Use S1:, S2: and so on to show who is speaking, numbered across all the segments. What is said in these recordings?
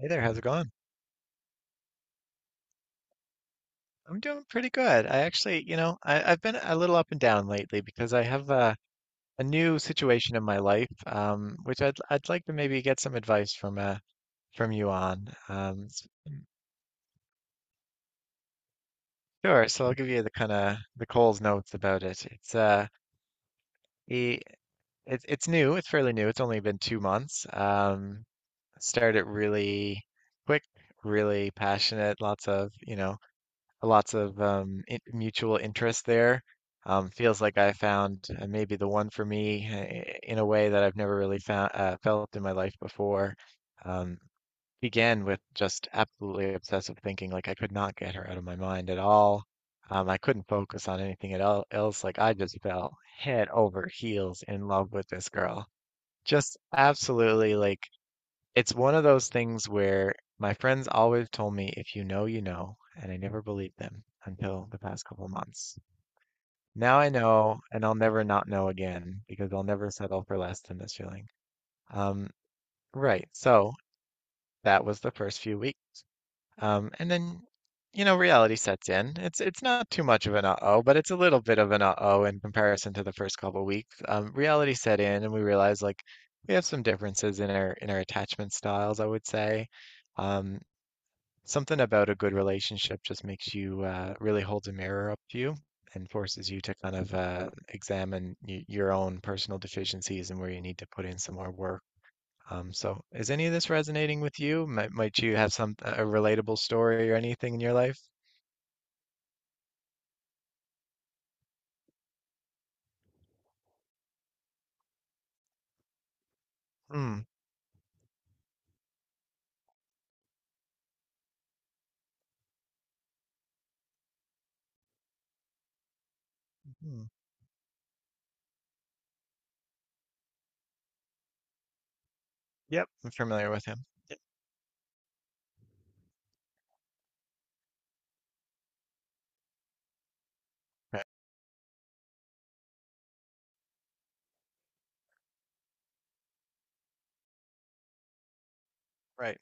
S1: Hey there, how's it going? I'm doing pretty good. I actually, I've been a little up and down lately because I have a new situation in my life, which I'd like to maybe get some advice from you on. Sure. So I'll give you the kind of the Cole's notes about it. It's he, it's new. It's fairly new. It's only been 2 months. Started really quick, really passionate. Lots of, you know. Lots of in mutual interest there. Feels like I found maybe the one for me in a way that I've never really found felt in my life before. Um, began with just absolutely obsessive thinking, like I could not get her out of my mind at all. I couldn't focus on anything at all else. Like I just fell head over heels in love with this girl. Just absolutely like it's one of those things where my friends always told me, if you know, you know, and I never believed them until the past couple months. Now I know, and I'll never not know again because I'll never settle for less than this feeling. Um, right. So that was the first few weeks. And then, reality sets in. It's not too much of an uh-oh, but it's a little bit of an uh-oh in comparison to the first couple weeks. Reality set in, and we realized like we have some differences in our attachment styles, I would say. Um, Something about a good relationship just makes you really holds a mirror up to you and forces you to kind of examine y your own personal deficiencies and where you need to put in some more work. So, is any of this resonating with you? Might you have some a relatable story or anything in your life? Mm, mm. Yep, I'm familiar with him. Yep. Right. Right.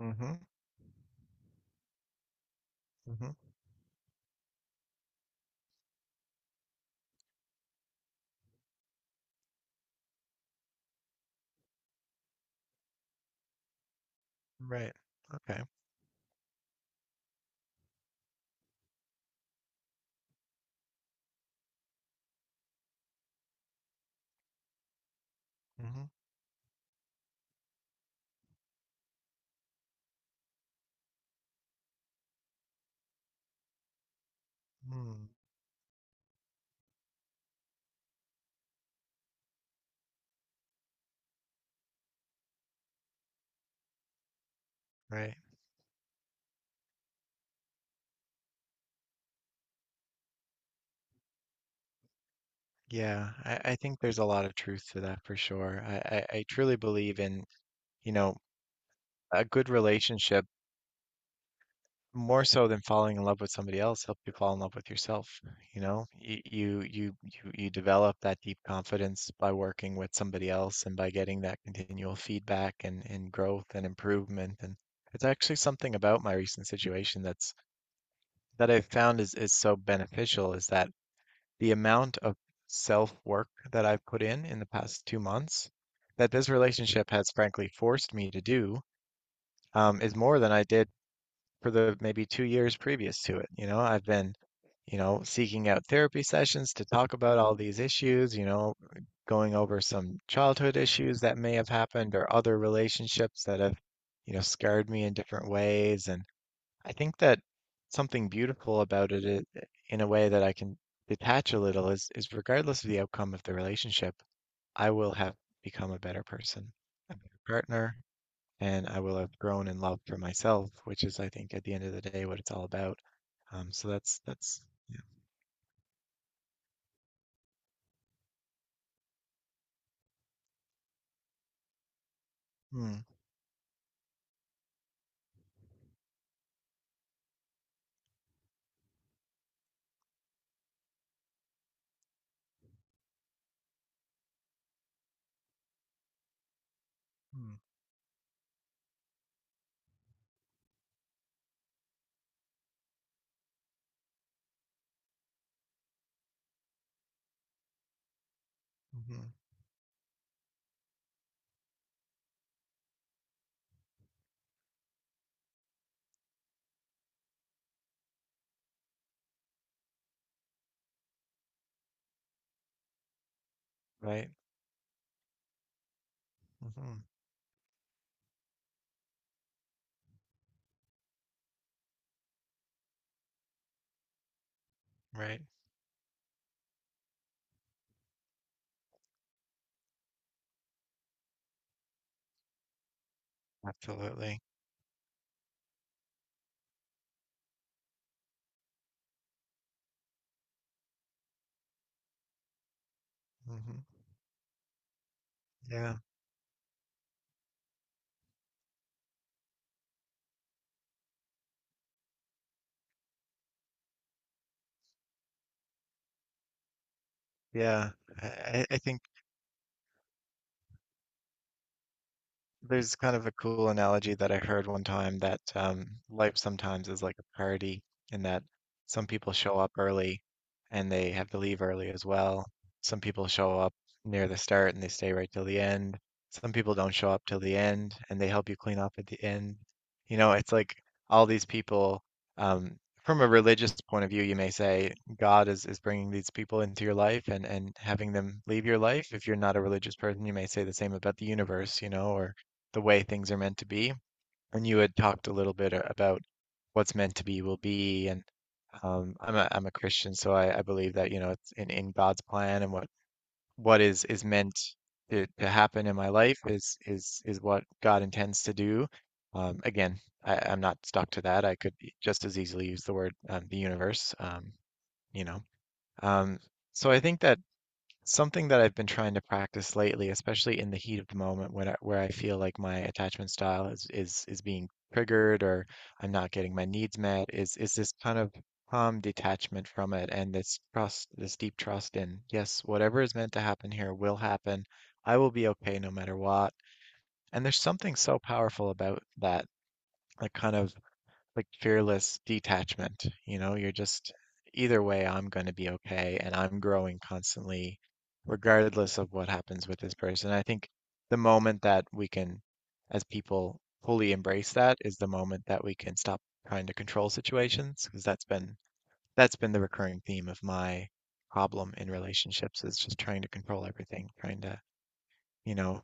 S1: Mm-hmm. Mm-hmm. Right. Okay. Mm-hmm. Mm, right. Yeah, I think there's a lot of truth to that for sure. I truly believe in, you know, a good relationship, more so than falling in love with somebody else, help you fall in love with yourself. You know, you develop that deep confidence by working with somebody else and by getting that continual feedback and growth and improvement. And it's actually something about my recent situation that I've found is so beneficial is that the amount of self work that I've put in the past 2 months that this relationship has frankly forced me to do is more than I did for the maybe 2 years previous to it. You know, I've been, seeking out therapy sessions to talk about all these issues, going over some childhood issues that may have happened or other relationships that have, scarred me in different ways. And I think that something beautiful about it in a way that I can detach a little is regardless of the outcome of the relationship, I will have become a better person, partner, and I will have grown in love for myself, which is, I think, at the end of the day, what it's all about. So that's yeah. Mm, mm, hmm, right. Hmm, right. Absolutely. Hmm. Yeah. Yeah. I think there's kind of a cool analogy that I heard one time that life sometimes is like a party in that some people show up early and they have to leave early as well. Some people show up near the start and they stay right till the end. Some people don't show up till the end and they help you clean up at the end. You know, it's like all these people, um, from a religious point of view, you may say God is bringing these people into your life and having them leave your life. If you're not a religious person, you may say the same about the universe, or the way things are meant to be. And you had talked a little bit about what's meant to be will be. And I'm a Christian, so I believe that it's in God's plan and what is meant to happen in my life is what God intends to do. Again, I'm not stuck to that. I could just as easily use the word the universe. You know. Um, so I think that something that I've been trying to practice lately, especially in the heat of the moment where I feel like my attachment style is being triggered or I'm not getting my needs met, is this kind of calm detachment from it and this trust, this deep trust in, yes, whatever is meant to happen here will happen. I will be okay no matter what. And there's something so powerful about that, like kind of like fearless detachment. You know, you're just either way, I'm going to be okay, and I'm growing constantly, regardless of what happens with this person. I think the moment that we can, as people, fully embrace that is the moment that we can stop trying to control situations, because that's been the recurring theme of my problem in relationships is just trying to control everything, trying to, you know,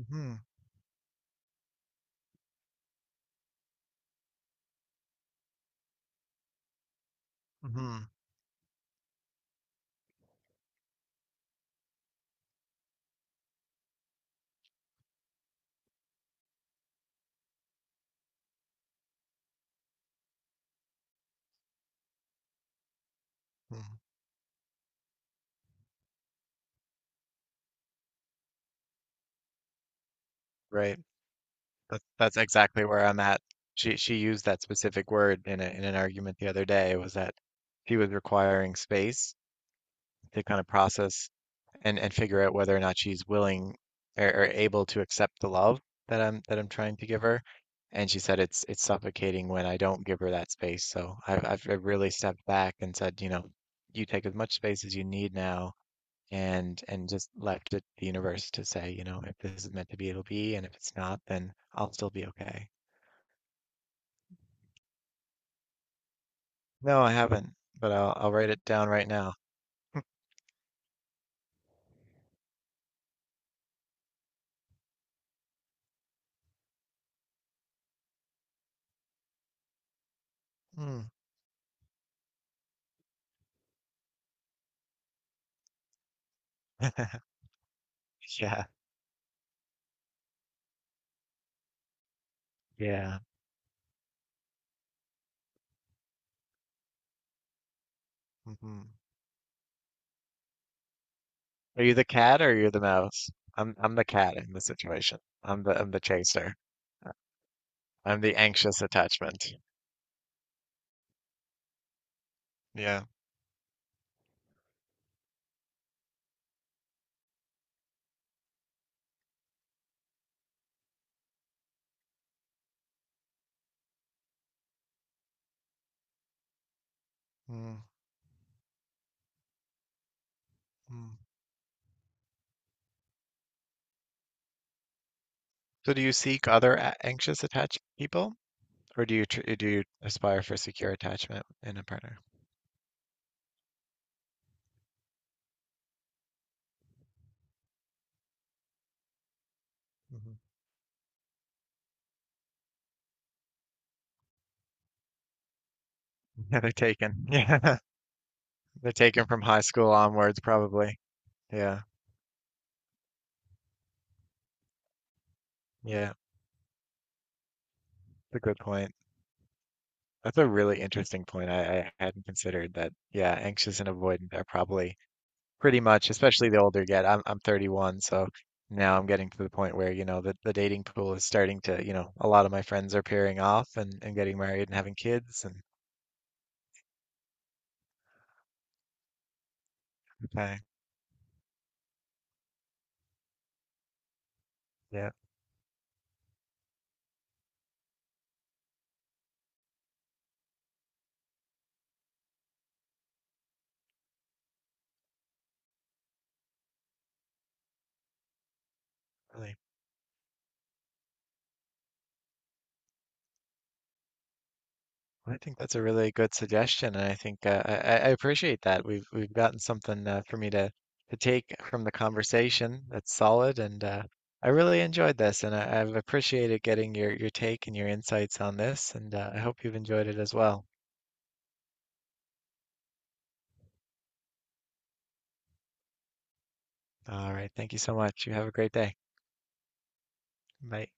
S1: mm-hmm, mm-hmm, right. That's exactly where I'm at. She used that specific word in an argument the other day was that she was requiring space to kind of process and figure out whether or not she's willing or able to accept the love that I'm trying to give her. And she said it's suffocating when I don't give her that space. So I've really stepped back and said, you know, you take as much space as you need now and just left it to the universe to say, you know, if this is meant to be, it'll be, and if it's not, then I'll still be okay. No, I haven't, but I'll write it down right now. Mm. Yeah, yeah. Hmm. Are you the cat or you're the mouse? I'm the cat in the situation. I'm the chaser. I'm the anxious attachment. Yeah. Mm. Mm. So do you seek other anxious attached people, or do you aspire for secure attachment in a partner? Hmm. Yeah, they're taken. Yeah, they're taken from high school onwards, probably. Yeah, yeah. It's a good point. That's a really interesting point. I hadn't considered that. Yeah, anxious and avoidant are probably pretty much, especially the older you get. I'm 31, so now I'm getting to the point where, the dating pool is starting to, a lot of my friends are pairing off and getting married and having kids and okay, yeah, really. Well, I think that's a really good suggestion, and I think I appreciate that. We've gotten something for me to take from the conversation that's solid, and I really enjoyed this, and I've appreciated getting your take and your insights on this, and I hope you've enjoyed it as well. All right, thank you so much. You have a great day. Bye.